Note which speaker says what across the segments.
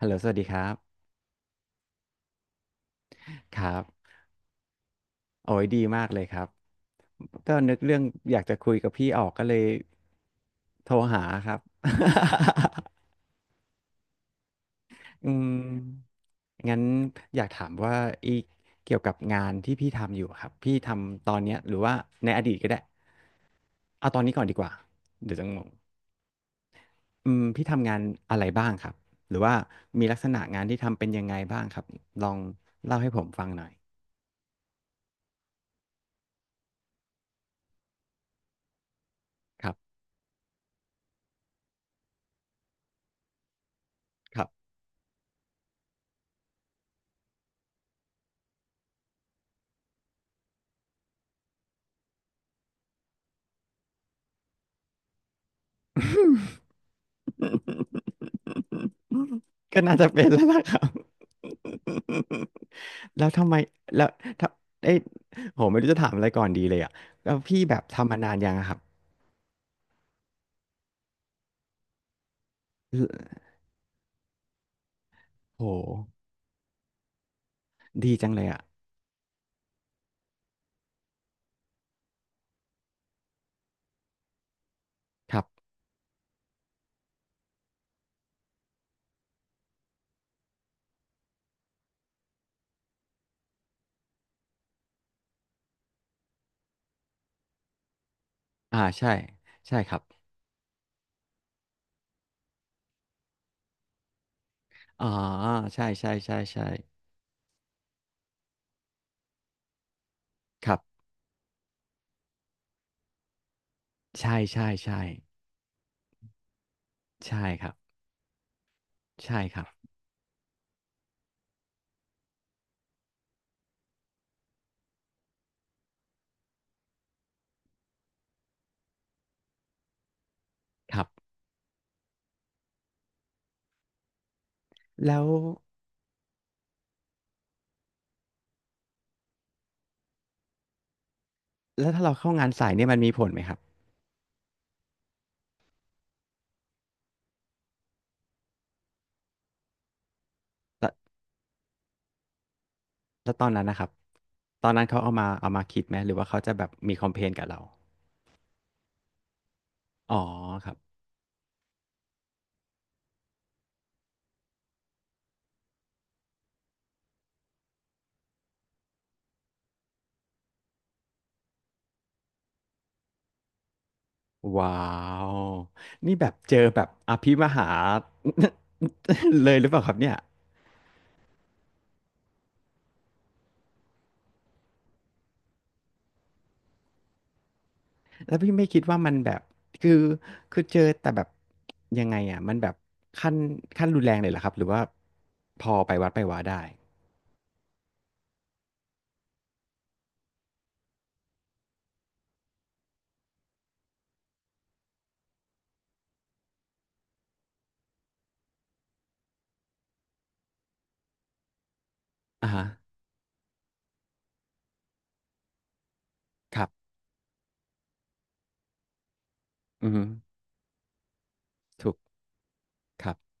Speaker 1: ฮัลโหลสวัสดีครับครับโอ้ยดีมากเลยครับก็นึกเรื่องอยากจะคุยกับพี่ออกก็เลยโทรหาครับ อืมงั้นอยากถามว่าอีกเกี่ยวกับงานที่พี่ทำอยู่ครับพี่ทำตอนเนี้ยหรือว่าในอดีตก็ได้เอาตอนนี้ก่อนดีกว่าเดี๋ยวจะงงพี่ทำงานอะไรบ้างครับหรือว่ามีลักษณะงานที่ทำเป็นยังไงบ้างครับลองเล่าให้ผมฟังหน่อยครับ ก็น่าจะเป็นแล้วล่ะครับ แล้วทำไมแล้วถ้าเอ้ยโหไม่รู้จะถามอะไรก่อนดีเลยอ่ะแล้วพี่แบบทำมานานยังอะครับโหดีจังเลยอ่ะครับอ่าใช่ใช่ครับอ๋อใช่ใช่ใช่ใช่ครับใช่ใช่ใช่ใช่ครับใช่ครับครับแล้วแล้วถ้าเราเข้างานสายเนี่ยมันมีผลไหมครับ แล้วตอนนั้นนะครับตอนนั้นเขาเอามาคิดไหมหรือว่าเขาจะแบบมีคอมเพลนกับเรา อ๋อครับ ว้าว นี่แบบเจอแบบอภิมหา เลยหรือเปล่าครับเนี่ยแล้วพี่ไม่คิดว่ามันแบบคือคือเจอแต่แบบยังไงอ่ะมันแบบขั้นขั้นรุนแรงเลยเหรอครับหรือว่าพอไปวัดไปวาได้อ่าฮะครับอือฮึถูกครับ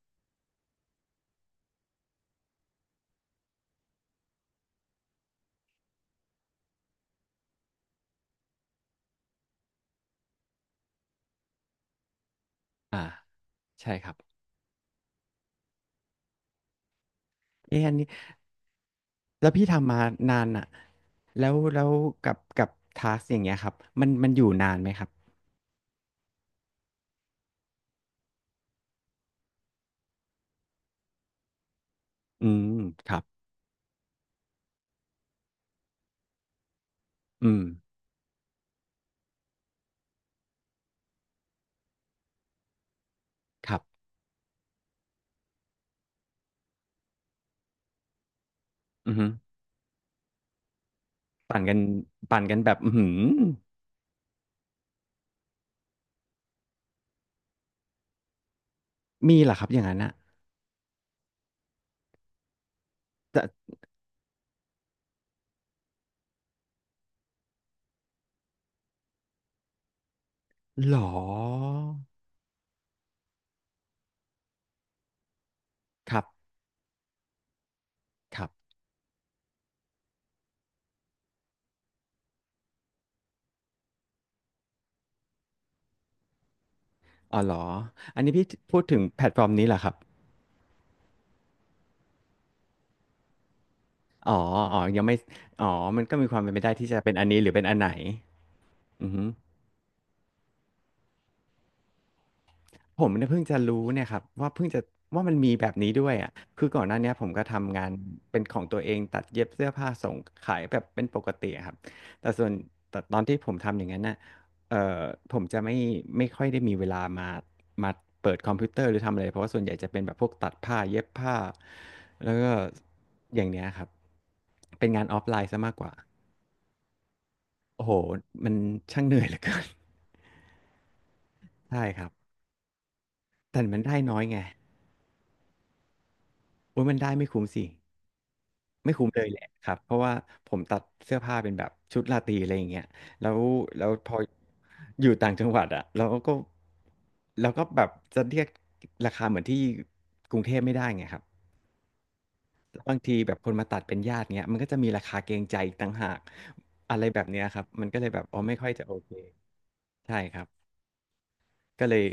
Speaker 1: อ่าใช่ครับ เอ๊ะอันนี้แล้วพี่ทำมานานอะแล้วแล้วกับทาสอย่างเงี้ยครับมันอยู่นานไหมครับอืมครับอืมครับอือฮึปั่นกันปั่นกันแบบอือหือมีเหรอครับอย่างนั้นอะแต่หรอครับครับอ๋อหรออันนี้พี่พูดถึงแพลตฟอร์มนี้เหรอครับอ๋ออ๋อยังไม่อ๋อมันก็มีความเป็นไปได้ที่จะเป็นอันนี้หรือเป็นอันไหนอือฮึ ผมเนี่ยเพิ่งจะรู้เนี่ยครับว่าเพิ่งจะว่ามันมีแบบนี้ด้วยอะคือก่อนหน้าเนี้ยผมก็ทำงานเป็นของตัวเองตัดเย็บเสื้อผ้าส่งขายแบบเป็นปกติอะครับแต่ส่วนแต่ตอนที่ผมทำอย่างนั้นน่ะเอ่อผมจะไม่ไม่ค่อยได้มีเวลามาเปิดคอมพิวเตอร์หรือทำอะไรเพราะว่าส่วนใหญ่จะเป็นแบบพวกตัดผ้าเย็บผ้าแล้วก็อย่างเนี้ยครับเป็นงานออฟไลน์ซะมากกว่าโอ้โหมันช่างเหนื่อยเหลือเกินใช่ครับแต่มันได้น้อยไงโอ้ยมันได้ไม่คุ้มสิ ไม่คุ้มเลยแหละครับ เพราะว่าผมตัดเสื้อผ้าเป็นแบบชุดราตรีอะไรอย่างเงี้ยแล้วพออยู่ต่างจังหวัดอ่ะเราก็แบบจะเรียกราคาเหมือนที่กรุงเทพไม่ได้ไงครับบางทีแบบคนมาตัดเป็นญาติเงี้ยมันก็จะมีราคาเกรงใจอีกต่างหากอะไรแบบเนี้ยครับมันก็เลยแบบอ๋อไม่ค่อยจะโอเคใช่ครับก็เลย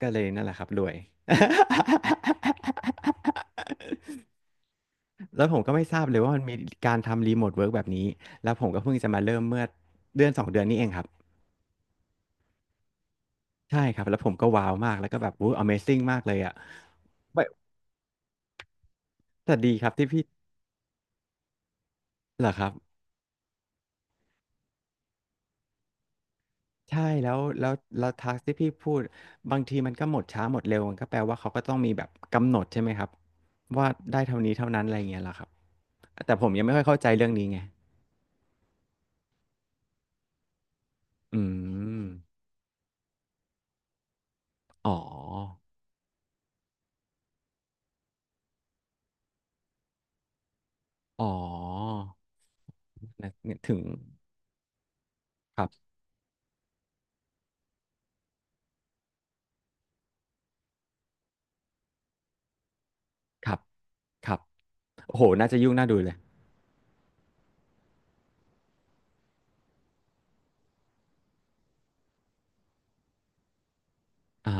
Speaker 1: นั่นแหละครับรวย แล้วผมก็ไม่ทราบเลยว่ามันมีการทำรีโมทเวิร์กแบบนี้ แล้วผมก็เพิ่งจะมาเริ่มเมื่อเดือนสองเดือนนี้เองครับ ใช่ครับ แล้วผมก็ว้าวมาก แล้วก็แบบวู้ Amazing มากเลยอ่ะไม่แต่ดีครับที่พี่เหรอครับใช่แล้วทักที่พี่พูดบางทีมันก็หมดช้าหมดเร็วมันก็แปลว่าเขาก็ต้องมีแบบกำหนดใช่ไหมครับว่าได้เท่านี้เท่านั้นอะไรอย่างเงี้ยเหรอครับแต่ผมยังไม่ค่อยเข้าใจเรื่องนี้ไงอืมอ๋ออ๋อนะถึงครับครับครับ โอ้โห น่าจะยุ่งน่าดูเลยอ่า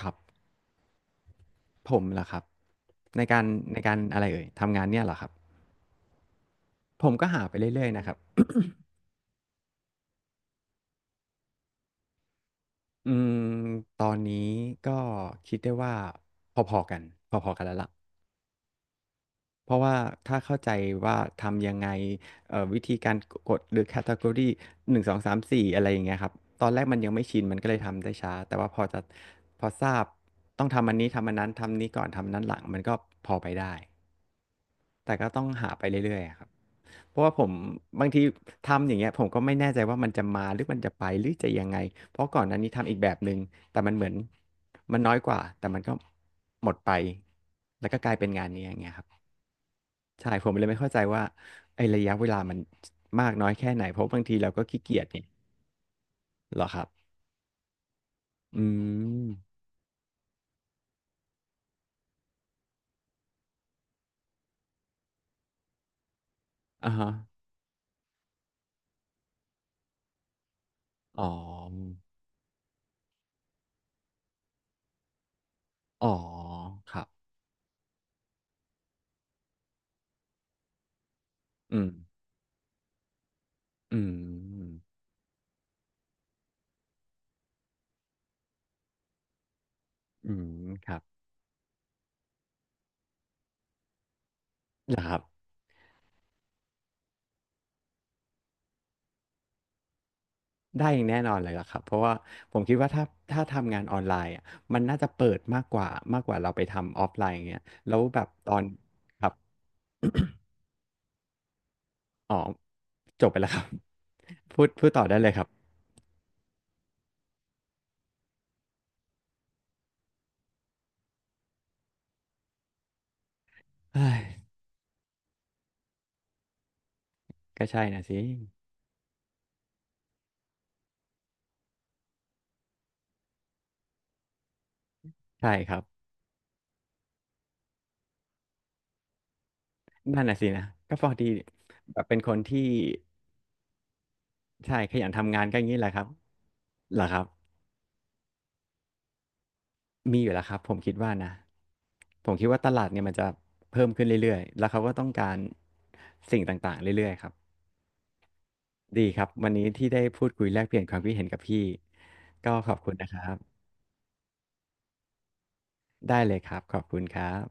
Speaker 1: ครับ ผมเหรอครับในการอะไรเอ่ย ทำงานเนี่ยเหรอครับ ผมก็หาไปเรื่อยๆนะครับ อืมตอนนี้ก็คิดได้ว่าพอๆกัน พอๆกันแล้วล่ะ เพราะว่าถ้าเข้าใจว่าทำยังไงวิธีการกดหรือแคตตากรีหนึ่งสองสามสี่อะไรอย่างเงี้ยครับ ตอนแรกมันยังไม่ชินมันก็เลยทำได้ช้า แต่ว่าพอจะพอทราบต้องทำอันนี้ทำอันนั้นทำนี้ก่อนทำอันนั้นหลังมันก็พอไปได้แต่ก็ต้องหาไปเรื่อยๆครับ เพราะว่าผมบางทีทำอย่างเงี้ยผมก็ไม่แน่ใจว่ามันจะมาหรือมันจะไปหรือจะยังไง เพราะก่อนหน้านี้ทำอีกแบบหนึ่งแต่มันเหมือนมันน้อยกว่าแต่มันก็หมดไปแล้วก็กลายเป็นงานนี้อย่างเงี้ยครับใช่ผมเลยไม่เข้าใจว่าไอ้ระยะเวลามันมากน้อยแค่ไหนเพราะบางทีเราก็ขี้เกียจเนี่ยเหรอครับอืมอ่าฮะอ๋ออ๋อครับอืมอืมอืมครับเหรอครับ ได้อย่างแน่นอนเลยล่ะครับเพราะว่าผมคิดว่าถ้าทำงานออนไลน์อะมันน่าจะเปิดมากกว่ามากกว่าเราไปทำออฟไลน์อย่างเงี้ยแล้วแบบตอนครับอ๋อจบไปแล้วครับ พูดพูดต่อได้เลยครับเฮ้ยก็ใช่นะสิใช่ครับนั่นน่ะสินะก็พอดีแบบเป็นคนที่ใช่ขยันทำงานก็อย่างนี้แหละครับเหรอครับมีอยู่แล้วครับผมคิดว่านะผมคิดว่าตลาดเนี่ยมันจะเพิ่มขึ้นเรื่อยๆแล้วเขาก็ต้องการสิ่งต่างๆเรื่อยๆครับ ดีครับวันนี้ที่ได้พูดคุยแลกเปลี่ยนความคิดเห็นกับพี่ก็ขอบคุณนะครับได้เลยครับขอบคุณครับ